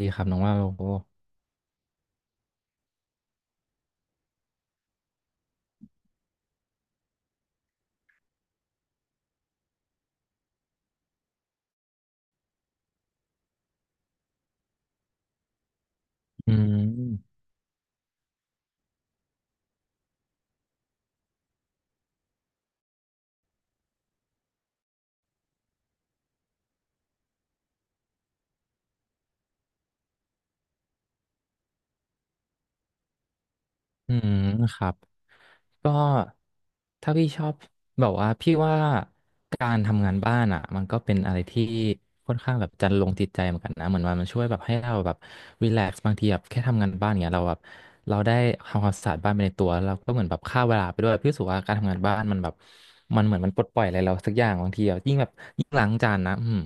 ดีครับน้องว่าโลโก้อืมอืมครับ ก็ถ้าพี่ชอบแบบว่าพี่ว่าการทำงานบ้านอ่ะมันก็เป็นอะไรที่ค่อนข้างแบบจันลงจิตใจเหมือนกันนะเหมือนว่ามันช่วยแบบให้เราแบบรีแลกซ์บางทีแบบแค่ทำงานบ้านเงี้ยเราได้ทำความสะอาดบ้านไปในตัวแล้วเราก็เหมือนแบบฆ่าเวลาไปด้วยพี่รู้สึกว่าการทำงานบ้านมันแบบมันเหมือนมันปลดปล่อยอะไรเราสักอย่างบางทีอะยิ่งแบบยิ่งล้างจานนะ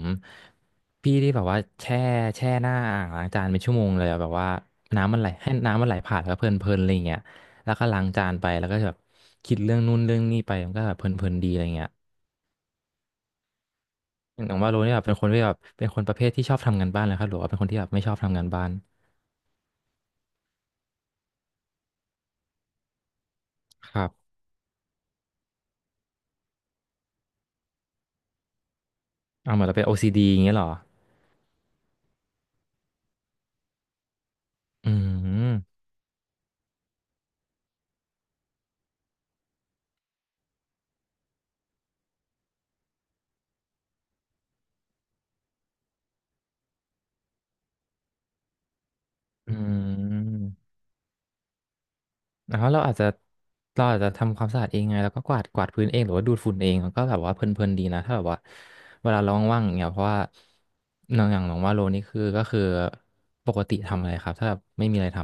พี่ที่แบบว่าแช่หน้าอ่างล้างจานเป็นชั่วโมงเลยอะแบบว่าน้ำมันไหลให้น้ำมันไหลผ่านแล้วก็เพลินๆอะไรอย่างเงี้ย แล้วก็ล้างจานไปแล้วก็แบบคิดเรื่องนู่นเรื่องนี่ไปมันก็แบบเพลินๆดีอะไรเงี้ยอย่างว่าโรนี่แบบเป็นคนที่แบบเป็นคนประเภทที่ชอบทำงานบ้านเลยครับหรือว่าเป็นคนที่แบบไม่ชอบทำงานบ้านครับเอาเหมือนเราเป็น OCD อซีดีอย่างเงี้ยเหรออืมอืมแล้วเราอาจจะทำความสะอาดเองไงแล้วก็กวาดพื้นเองหรือว่าดูดฝุ่นเองมันก็แบบว่าเพลินๆดีนะถ้าแบบว่าเวลาเราว่างๆอย่างเงี้ยเพราะว่าน้องอย่างน้องว่าโลนี่ก็คือปกติทำอะไรครับถ้าแบบไม่มีอะไรท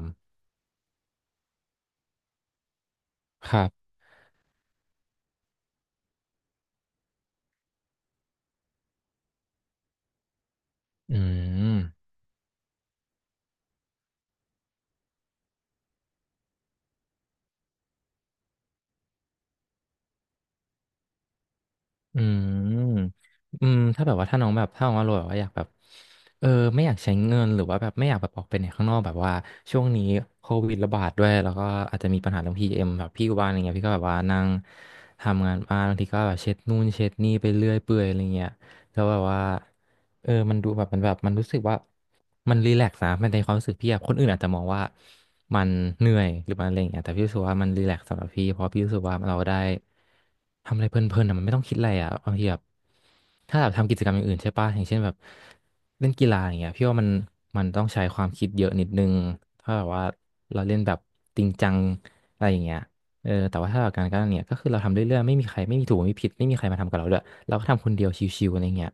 ำครับอืม อืมอืมถ้าแบบว่าถ้าน้องแบบถ้าน้องว่าโรยแบบว่าอยากแบบเออไม่อยากใช้เงินหรือว่าแบบไม่อยากแบบออกไปไหนข้างนอกแบบว่าช่วงนี้โควิดระบาดด้วยแล้วก็อาจจะมีปัญหาเรื่องพีเอ็มแบบพี่อยู่บ้านอะไรเงี้ยพี่ก็แบบว่านั่งทำงานบ้านบางทีก็แบบเช็ดนู่นเช็ดนี่ไปเรื่อยเปื่อยอะไรเงี้ยแล้วแบบว่า เออมันดูแบบมันรู้สึกว่ามันรีแลกซ์นะมันในความรู้สึกพี่อะคนอื่นอาจจะมองว่ามันเหนื่อยหรือมันอะไรอย่างเงี้ยแต่พี่รู้สึกว่ามันรีแลกซ์สำหรับพี่เพราะพี่รู้สึกว่าเราได้ทำอะไรเพลินๆอะมันไม่ต้องคิดอะไรอะบางทีแบบถ้าแบบทำกิจกรรมอย่างอื่นใช่ปะอย่างเช่นแบบเล่นกีฬาอย่างเงี้ยพี่ว่ามันต้องใช้ความคิดเยอะนิดนึงถ้าแบบว่าเราเล่นแบบจริงจังอะไรอย่างเงี้ยเออแต่ว่าถ้าเราการกันเนี่ยก็คือเราทำเรื่อยๆไม่มีใครไม่มีถูกไม่มีผิดไม่มีใครมาทำกับเราด้วยเราก็ทำคนเดียวชิวๆอะไรเงี้ย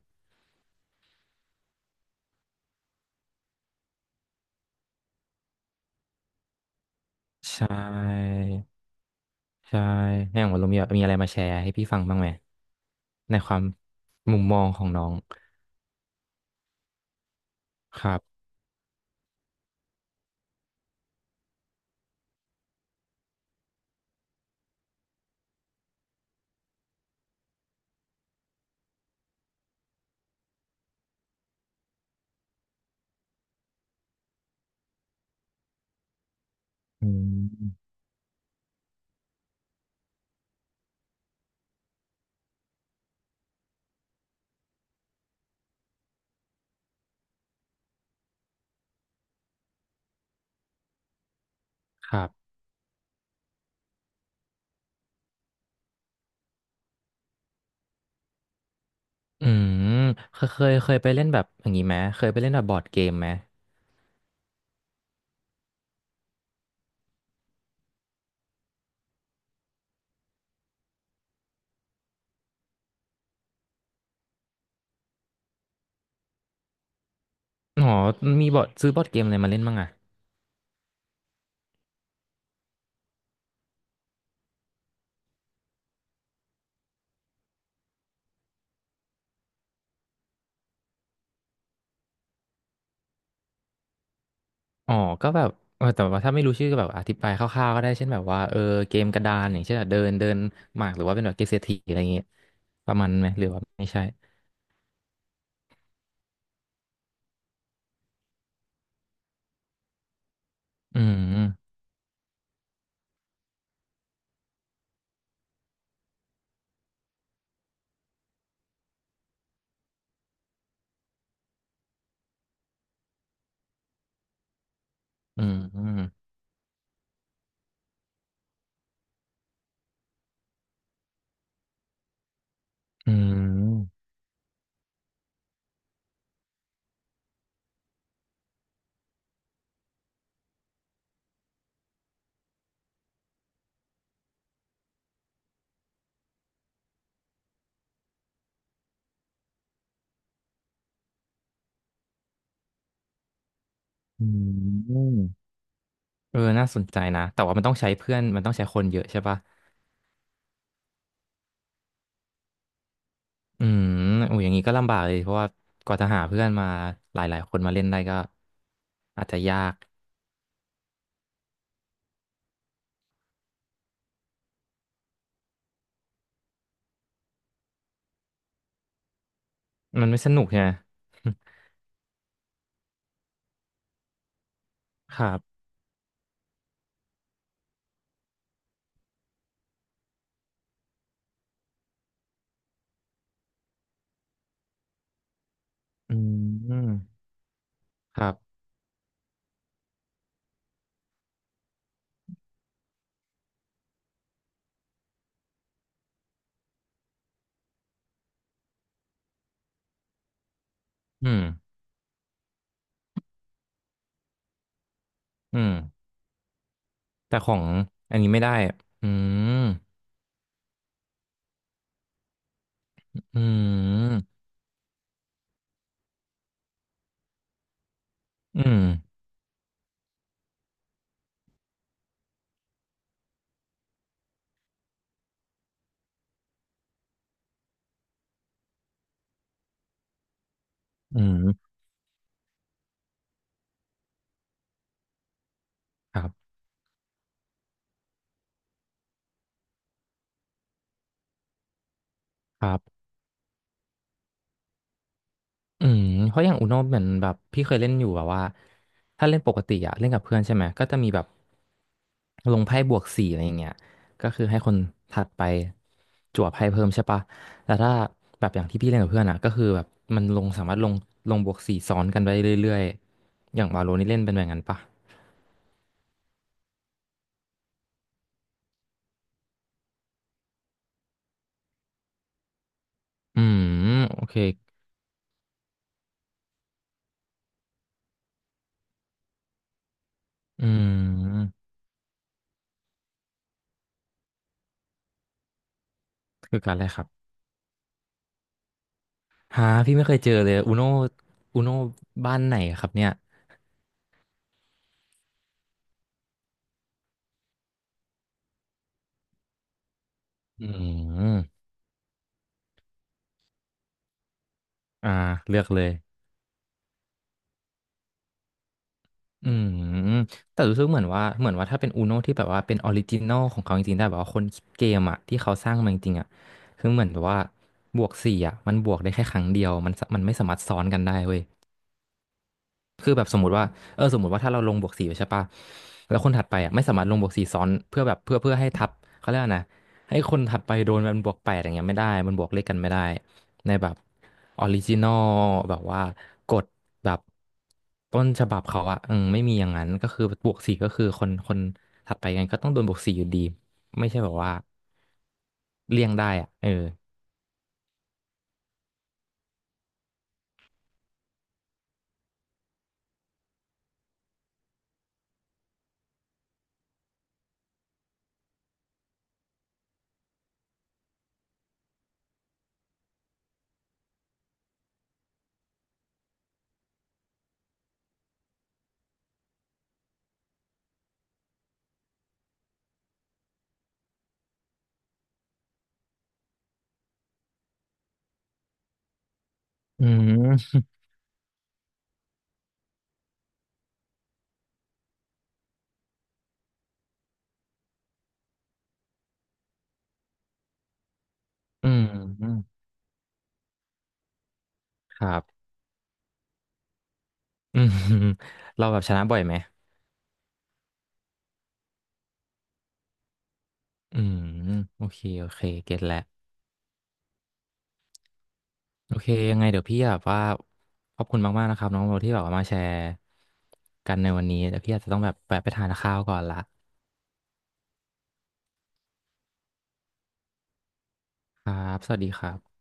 ใช่ใช่ให้ของลุงมีอะไรมาแชร์ให้พี่ฟังบ้างไหมในความมุมมองของน้องครับอืมครับอืมเคยไปเล่นแบบอย่างนี้ไหมเคยไปเล่นแบบบอร์ดเกมไหมอ๋อมีบอร์ดซื้อบอร์ดเกมอะไรมาเล่นบ้างอ่ะอ๋อก็แบบเออแต่ว่าถ้าไม่รู้ชื่อก็แบบอธิบายคร่าวๆก็ได้เช่นแบบว่าเออเกมกระดานอย่างเช่นแบบเดินเดินหมากหรือว่าเป็นแบบเกมเศรษฐีอะไรอย่างเงี้ยประมาณนั้นไหมหรือว่าไม่ใช่อืมอืมอืมอืม อืมเออน่าสนใจนะแต่ว่ามันต้องใช้เพื่อนมันต้องใช้คนเยอะใช่ปะอืมโอ้ยอย่างนี้ก็ลำบากเลยเพราะว่ากว่าจะหาเพื่อนมาหลายๆคนมาเล่นได้ก็อาจจะยากมันไม่สนุกใช่ไหม ครับอืมครับอืมอืมแต่ของอันนี้ไม่ได้อืมอืมอืมอืมครับครับ อืมเพราะอย่างอุโนเหมือนแบบพี่เคยเล่นอยู่แบบว่าถ้าเล่นปกติอะเล่นกับเพื่อนใช่ไหมก็จะมีแบบลงไพ่บวกสี่อะไรอย่างเงี้ยก็คือให้คนถัดไปจั่วไพ่เพิ่มใช่ปะแต่ถ้าแบบอย่างที่พี่เล่นกับเพื่อนอะก็คือแบบมันลงสามารถลงลงบวกสี่ซ้อนกันไปเรื่อยๆอย่างวาโลนี่เล่นเป็นแบบนั้นปะอืมโอเคอืมคือการอะไรครับหาพี่ไม่เคยเจอเลยอุโนบ้านไหนครับเนี่ยอืมอ่าเลือกเลย อืมแต่รู้สึกเหมือนว่าถ้าเป็น Uno ที่แบบว่าเป็นออริจินอลของเขาจริงๆได้แบบว่าคนคิดเกมอ่ะที่เขาสร้างมาจริงๆอ่ะคือเหมือนแบบว่าบวกสี่อ่ะมันบวกได้แค่ครั้งเดียวมันไม่สามารถซ้อนกันได้เว้ย คือแบบสมมติว่าเออสมมติว่าถ้าเราลงบวกสี่ไปใช่ปะแล้วคนถัดไปอ่ะไม่สามารถลงบวกสี่ซ้อนเพื่อให้ทับเขาเรียกว่านะให้คนถัดไปโดนมันบวกแปดอย่างเงี้ยไม่ได้มันบวกเลขกันไม่ได้ในแบบออริจินอลแบบว่ากฎแบบต้นฉบับเขาอ่ะอืมไม่มีอย่างนั้นก็คือบวกสี่ก็คือคนถัดไปกันก็ต้องโดนบวกสี่อยู่ดีไม่ใช่แบบว่าเลี่ยงได้อ่ะเอออืมอืมอืมครับอืม เราแบบชนะบ่อยไหม อืมโอเคโอเคเก็ตแล้วโอเคยังไงเดี๋ยวพี่แบบว่าขอบคุณมากๆนะครับน้องโบที่แบบว่ามาแชร์กันในวันนี้แต่พี่อาจจะต้องแบบแวะไปทานข้าวก่อนละครับสวัสดีครับ